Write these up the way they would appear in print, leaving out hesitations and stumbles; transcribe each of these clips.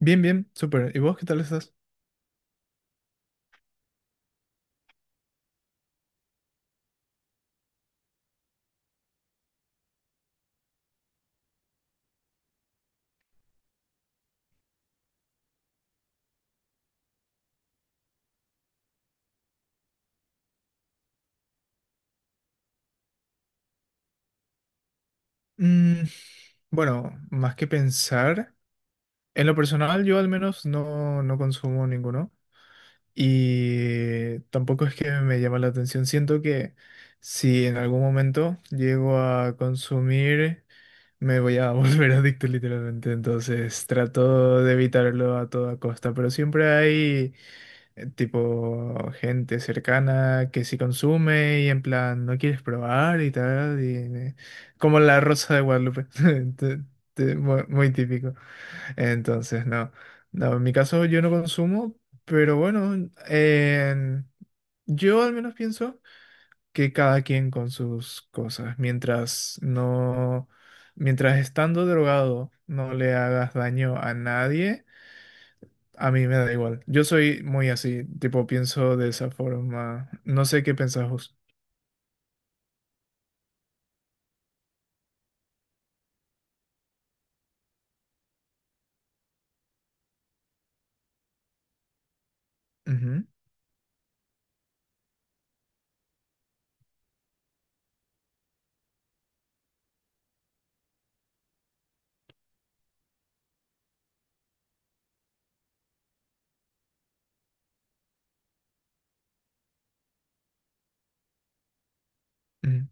Bien, bien, súper. ¿Y vos qué tal estás? Mm, bueno, más que pensar, en lo personal yo al menos no, no consumo ninguno y tampoco es que me llama la atención. Siento que si en algún momento llego a consumir, me voy a volver adicto literalmente. Entonces trato de evitarlo a toda costa, pero siempre hay... tipo gente cercana que sí consume y en plan no quieres probar y tal, y como la Rosa de Guadalupe, Te- muy típico. Entonces, no, no, en mi caso yo no consumo, pero bueno, en- yo al menos pienso que cada quien con sus cosas, mientras estando drogado no le hagas daño a nadie a mí me da igual. Yo soy muy así, tipo, pienso de esa forma. No sé qué pensás vos. Ujú, ujú.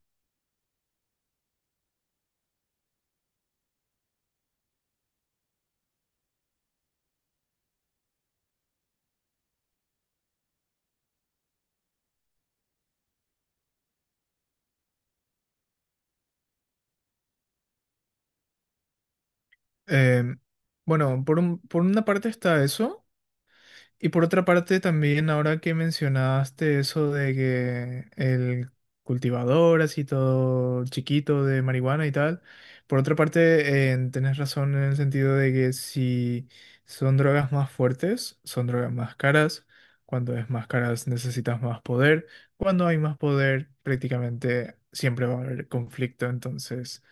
Em, bueno, por una parte está eso. Y por otra parte, también ahora que mencionaste eso de que el cultivador, así todo chiquito de marihuana y tal, por otra parte, tenés razón en el sentido de que si son drogas más fuertes, son drogas más caras. Cuando es más caras necesitas más poder. Cuando hay más poder, prácticamente siempre va a haber conflicto. Entonces,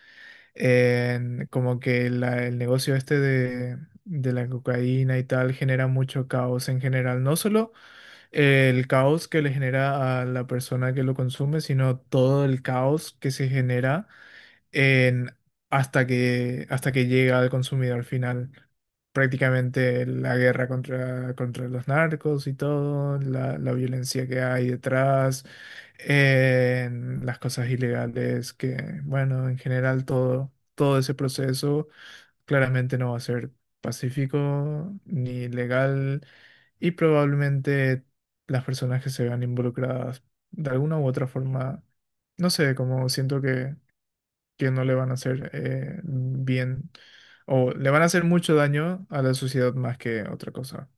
como que el negocio este de la cocaína y tal genera mucho caos en general. No solo el caos que le genera a la persona que lo consume, sino todo el caos que se genera en- hasta que llega al consumidor final. Prácticamente la guerra contra los narcos y todo, la violencia que hay detrás, en las cosas ilegales, que bueno, en general todo ese proceso claramente no va a ser pacífico ni legal y probablemente las personas que se vean involucradas de alguna u otra forma, no sé, como siento que no le van a hacer bien o le van a hacer mucho daño a la sociedad más que otra cosa.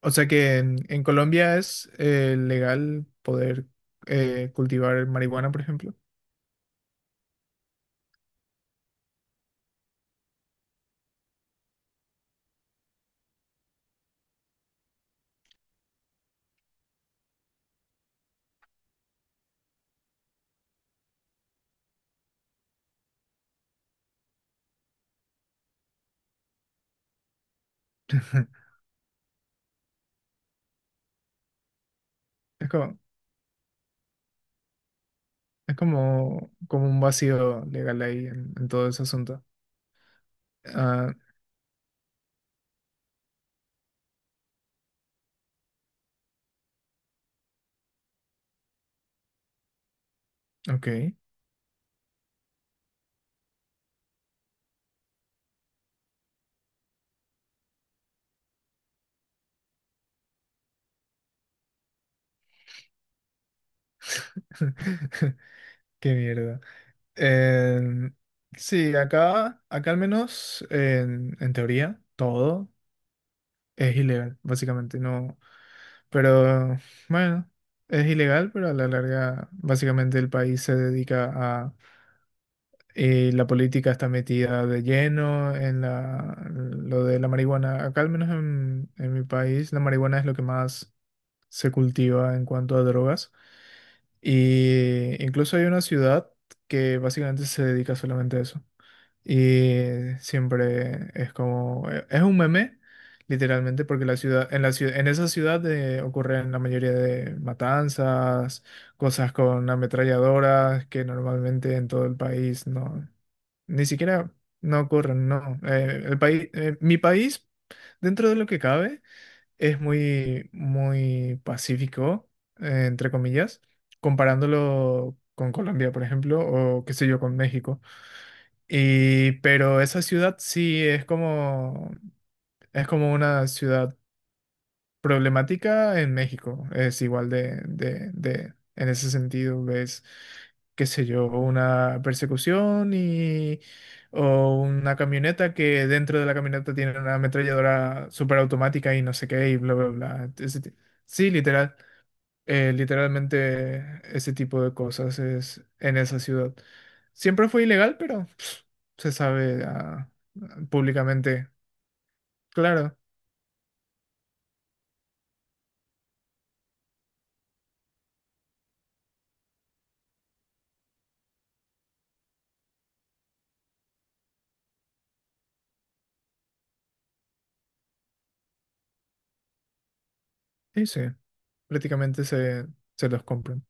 O sea que en Colombia es legal poder cultivar marihuana, por ejemplo. Es como, es como como un vacío legal ahí en todo ese asunto. Ah, ok. Qué mierda. Em, sí, acá al menos en teoría todo es ilegal, básicamente. No, pero bueno, es ilegal, pero a la larga básicamente el país se dedica a... la política está metida de lleno en lo de la marihuana. Acá al menos en mi país la marihuana es lo que más se cultiva en cuanto a drogas. Y incluso hay una ciudad que básicamente se dedica solamente a eso. Y siempre es como, es un meme, literalmente, porque en esa ciudad ocurren la mayoría de matanzas, cosas con ametralladoras que normalmente en todo el país no, ni siquiera no ocurren, no. Mi país, dentro de lo que cabe, es muy, muy pacífico, entre comillas, comparándolo con Colombia, por ejemplo, o qué sé yo, con México. Y pero esa ciudad sí es como una ciudad problemática en México. Es igual de en ese sentido, ves, qué sé yo, una persecución y, o una camioneta que dentro de la camioneta tiene una ametralladora superautomática y no sé qué y bla, bla, bla. Sí, literalmente ese tipo de cosas es en esa ciudad. Siempre fue ilegal, pero pss, se sabe, ah, públicamente. Claro, sí, sí, prácticamente se, se los compran.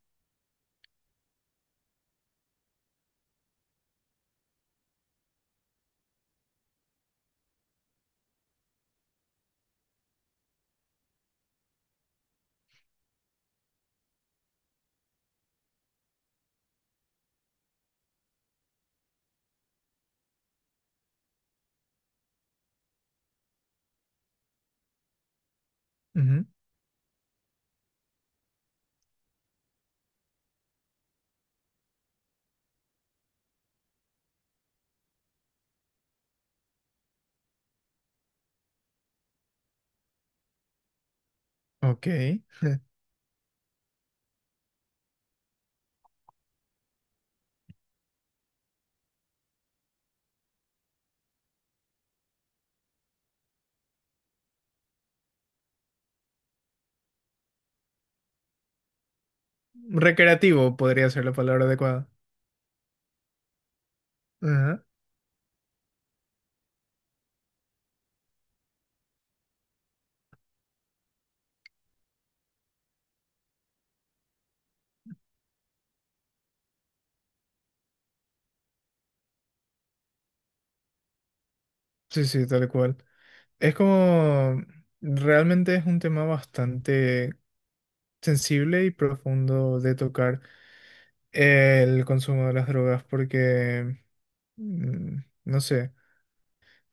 Ujú, ok. Recreativo podría ser la palabra adecuada. Ajá, sí, sí, tal cual. Es como, realmente es un tema bastante sensible y profundo de tocar el consumo de las drogas porque, mm, no sé.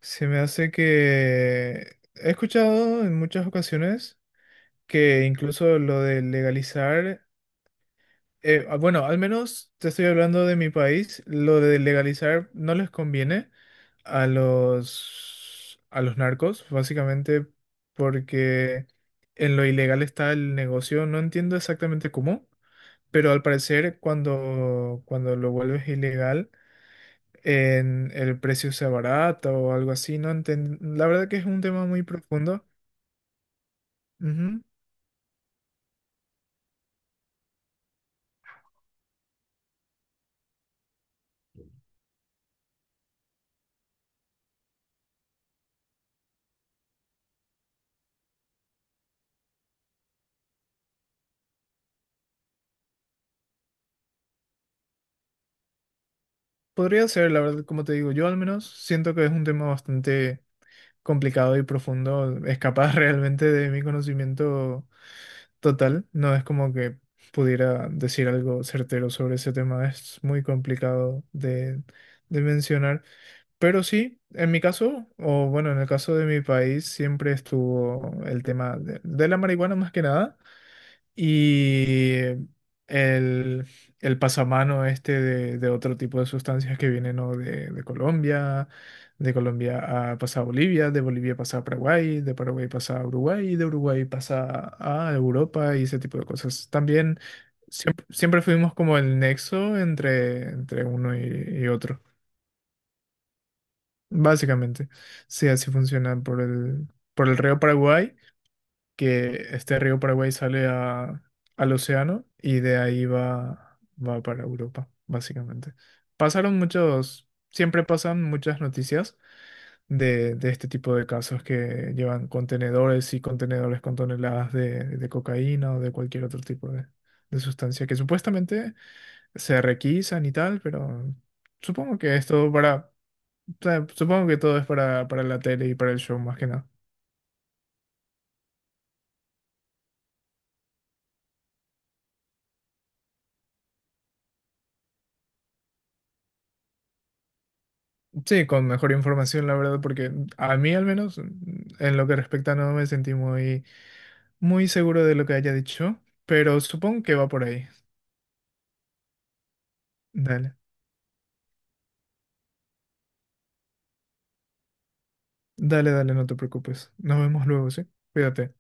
Se me hace que he escuchado en muchas ocasiones que incluso lo de legalizar, bueno, al menos te estoy hablando de mi país, lo de legalizar no les conviene a los narcos, básicamente porque en lo ilegal está el negocio. No entiendo exactamente cómo, pero al parecer cuando lo vuelves ilegal en el precio sea barato o algo así, no enten- La verdad que es un tema muy profundo. Ujú. Podría ser, la verdad, como te digo, yo al menos siento que es un tema bastante complicado y profundo, escapar realmente de mi conocimiento total. No es como que pudiera decir algo certero sobre ese tema, es muy complicado de mencionar. Pero sí, en mi caso, o bueno, en el caso de mi país, siempre estuvo el tema de la marihuana más que nada. Y el, el pasamano este de otro tipo de sustancias que vienen, ¿no?, de Colombia a, pasa a Bolivia, de Bolivia pasa a Paraguay, de Paraguay pasa a Uruguay, y de Uruguay pasa a Europa y ese tipo de cosas. También siempre, siempre fuimos como el nexo entre uno y otro, básicamente. Sí, así funciona por por el río Paraguay que este río Paraguay al océano y de ahí va para Europa, básicamente. Siempre pasan muchas noticias de este tipo de casos que llevan contenedores y contenedores con toneladas de cocaína o de cualquier otro tipo de sustancia que supuestamente se requisan y tal, pero supongo que es todo para, o sea, supongo que todo es para la tele y para el show más que nada. Sí, con mejor información, la verdad, porque a mí al menos, mm, en lo que respecta, no me sentí muy, muy seguro de lo que haya dicho, pero supongo que va por ahí. Dale, dale, dale, no te preocupes. Nos vemos luego, ¿sí? Cuídate.